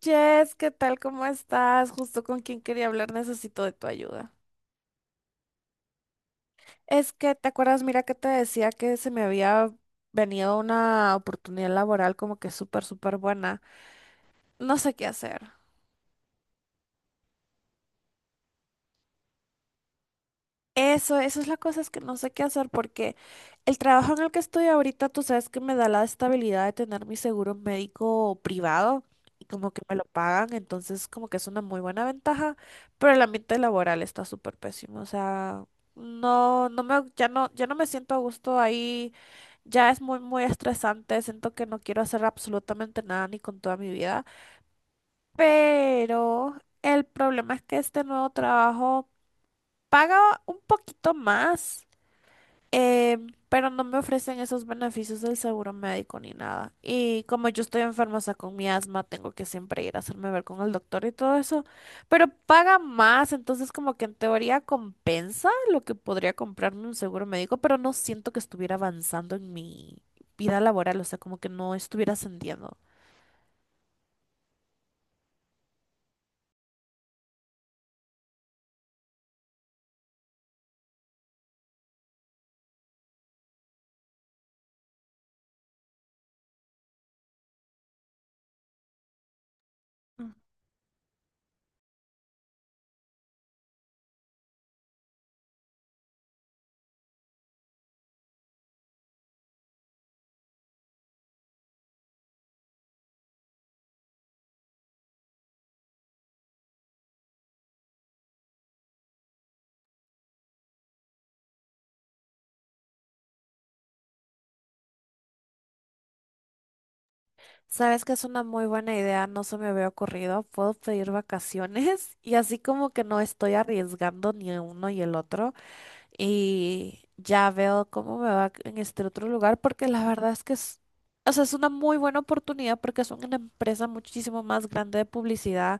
Jess, ¿qué tal? ¿Cómo estás? Justo con quien quería hablar, necesito de tu ayuda. Es que, ¿te acuerdas? Mira que te decía que se me había venido una oportunidad laboral como que súper, súper buena. No sé qué hacer. Eso es la cosa, es que no sé qué hacer porque el trabajo en el que estoy ahorita, tú sabes que me da la estabilidad de tener mi seguro médico privado y como que me lo pagan, entonces como que es una muy buena ventaja, pero el ambiente laboral está súper pésimo. O sea, no me, ya no, ya no me siento a gusto ahí, ya es muy, muy estresante, siento que no quiero hacer absolutamente nada ni con toda mi vida. Pero el problema es que este nuevo trabajo paga un poquito más, eh, pero no me ofrecen esos beneficios del seguro médico ni nada. Y como yo estoy enferma, o sea, con mi asma, tengo que siempre ir a hacerme ver con el doctor y todo eso. Pero paga más, entonces como que en teoría compensa lo que podría comprarme un seguro médico, pero no siento que estuviera avanzando en mi vida laboral, o sea, como que no estuviera ascendiendo. Sabes que es una muy buena idea, no se me había ocurrido. Puedo pedir vacaciones y así como que no estoy arriesgando ni uno y el otro, y ya veo cómo me va en este otro lugar, porque la verdad es que es, o sea, es una muy buena oportunidad porque es una empresa muchísimo más grande de publicidad,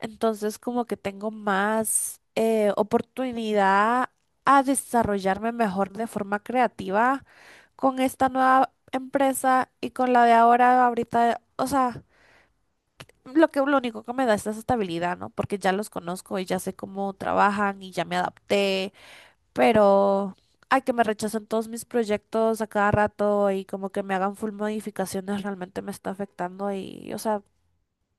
entonces como que tengo más, oportunidad a desarrollarme mejor de forma creativa con esta nueva empresa y con la de ahora, ahorita, o sea... Lo que lo único que me da es esa estabilidad, ¿no? Porque ya los conozco y ya sé cómo trabajan y ya me adapté, pero ay, que me rechazan todos mis proyectos a cada rato y como que me hagan full modificaciones realmente me está afectando y, o sea,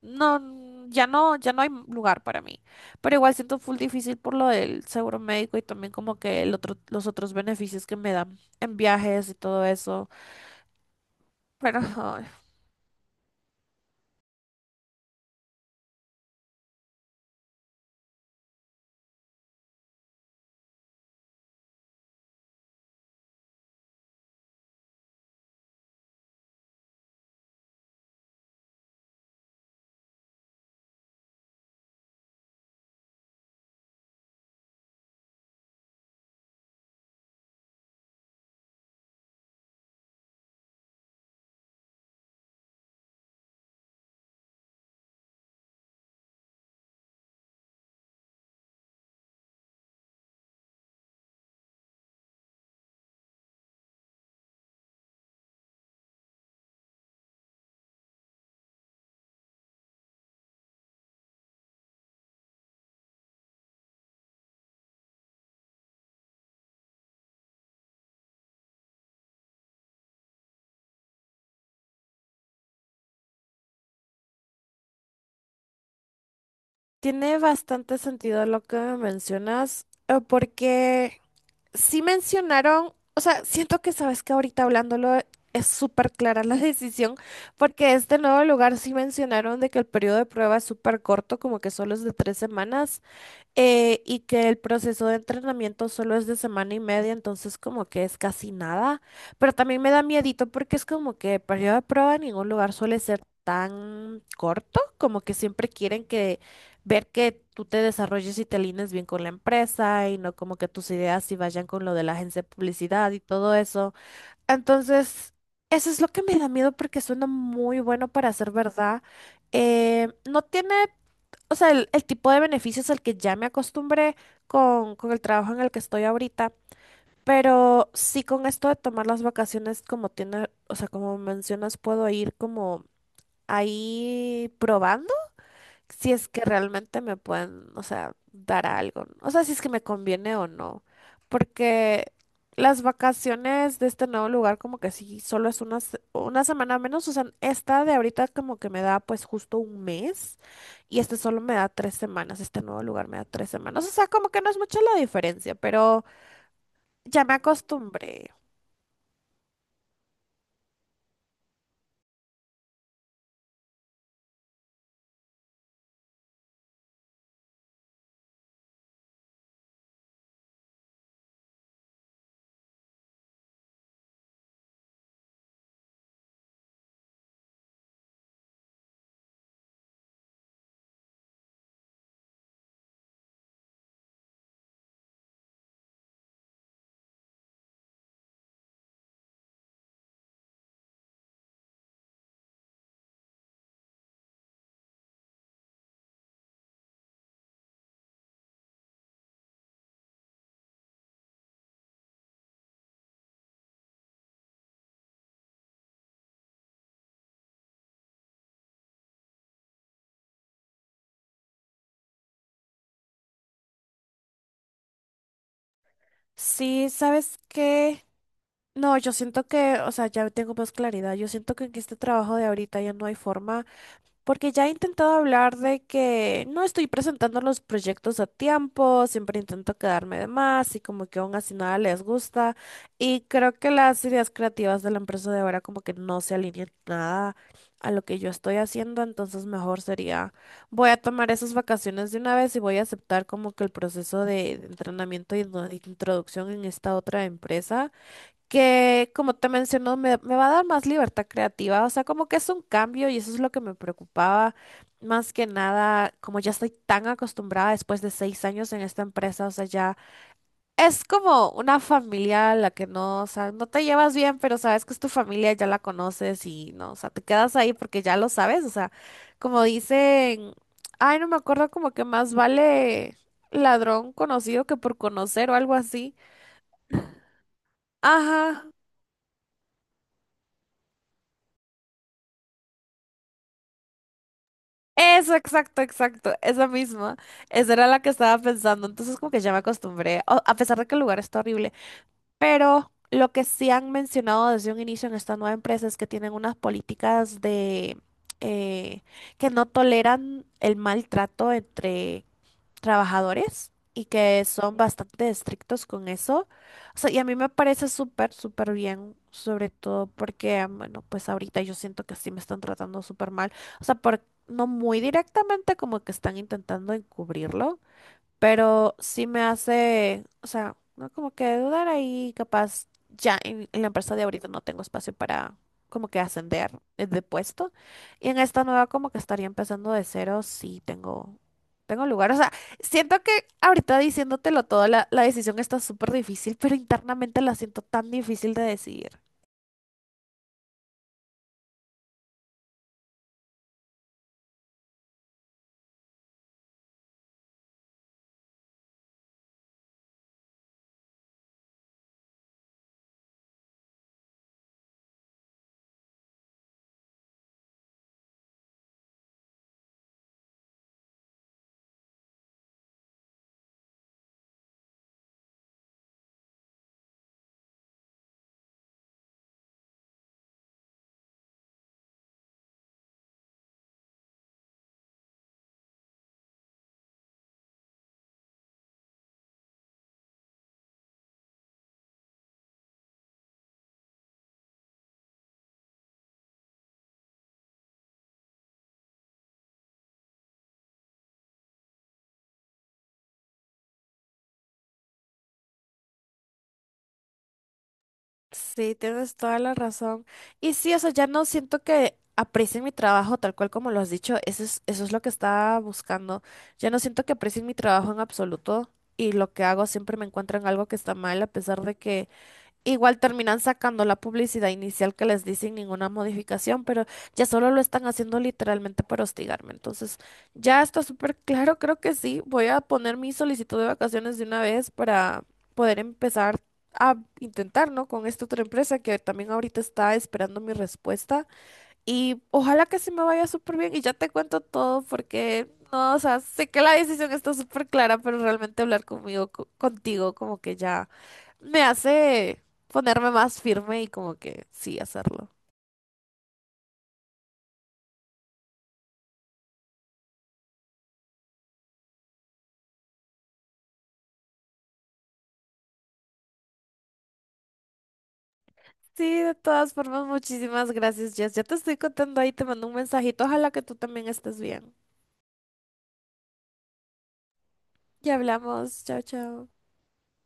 no, ya no, ya no hay lugar para mí. Pero igual siento full difícil por lo del seguro médico y también como que el otro, los otros beneficios que me dan en viajes y todo eso. Pero ay, tiene bastante sentido lo que me mencionas, porque sí mencionaron, o sea, siento que sabes que ahorita hablándolo es súper clara la decisión, porque este nuevo lugar sí mencionaron de que el periodo de prueba es súper corto, como que solo es de 3 semanas, y que el proceso de entrenamiento solo es de semana y media, entonces como que es casi nada, pero también me da miedito porque es como que el periodo de prueba en ningún lugar suele ser tan corto, como que siempre quieren que ver que tú te desarrolles y te alines bien con la empresa y no como que tus ideas sí vayan con lo de la agencia de publicidad y todo eso. Entonces, eso es lo que me da miedo porque suena muy bueno para ser verdad. No tiene, o sea, el tipo de beneficios al que ya me acostumbré con el trabajo en el que estoy ahorita, pero sí con esto de tomar las vacaciones, como tiene, o sea, como mencionas, puedo ir como ahí probando si es que realmente me pueden, o sea, dar algo, ¿no?, o sea, si es que me conviene o no, porque las vacaciones de este nuevo lugar como que sí, solo es una semana menos, o sea, esta de ahorita como que me da pues justo un mes y este solo me da 3 semanas, este nuevo lugar me da 3 semanas, o sea, como que no es mucha la diferencia, pero ya me acostumbré. Sí, ¿sabes qué? No, yo siento que, o sea, ya tengo más claridad. Yo siento que en este trabajo de ahorita ya no hay forma, porque ya he intentado hablar de que no estoy presentando los proyectos a tiempo, siempre intento quedarme de más y como que aún así nada les gusta. Y creo que las ideas creativas de la empresa de ahora como que no se alinean nada a lo que yo estoy haciendo, entonces mejor sería, voy a tomar esas vacaciones de una vez y voy a aceptar como que el proceso de entrenamiento y introducción en esta otra empresa que, como te mencionó, me va a dar más libertad creativa. O sea, como que es un cambio y eso es lo que me preocupaba. Más que nada, como ya estoy tan acostumbrada después de 6 años en esta empresa, o sea, ya es como una familia a la que no, o sea, no te llevas bien, pero sabes que es tu familia, ya la conoces y no, o sea, te quedas ahí porque ya lo sabes, o sea, como dicen, ay, no me acuerdo, como que más vale ladrón conocido que por conocer o algo así. Ajá, eso, exacto, exacto, esa misma. Esa era la que estaba pensando, entonces como que ya me acostumbré, a pesar de que el lugar está horrible, pero lo que sí han mencionado desde un inicio en esta nueva empresa es que tienen unas políticas de, eh, que no toleran el maltrato entre trabajadores y que son bastante estrictos con eso. O sea, y a mí me parece súper, súper bien, sobre todo porque, bueno, pues ahorita yo siento que sí me están tratando súper mal. O sea, por, no muy directamente, como que están intentando encubrirlo, pero sí me hace, o sea, no como que dudar ahí, capaz ya en la empresa de ahorita no tengo espacio para como que ascender, de puesto, y en esta nueva como que estaría empezando de cero, sí tengo tengo lugar, o sea, siento que ahorita diciéndotelo todo la decisión está súper difícil, pero internamente la siento tan difícil de decidir. Sí, tienes toda la razón. Y sí, o sea, ya no siento que aprecien mi trabajo tal cual como lo has dicho. Eso es lo que estaba buscando. Ya no siento que aprecien mi trabajo en absoluto y lo que hago siempre me encuentran algo que está mal, a pesar de que igual terminan sacando la publicidad inicial que les di sin ninguna modificación, pero ya solo lo están haciendo literalmente para hostigarme. Entonces, ya está súper claro, creo que sí. Voy a poner mi solicitud de vacaciones de una vez para poder empezar a intentar, ¿no?, con esta otra empresa que también ahorita está esperando mi respuesta. Y ojalá que se me vaya súper bien y ya te cuento todo porque, no, o sea, sé que la decisión está súper clara, pero realmente hablar conmigo, contigo, como que ya me hace ponerme más firme y como que sí, hacerlo. Sí, de todas formas, muchísimas gracias, Jess. Ya te estoy contando ahí, te mando un mensajito. Ojalá que tú también estés bien. Ya hablamos. Chao, chao.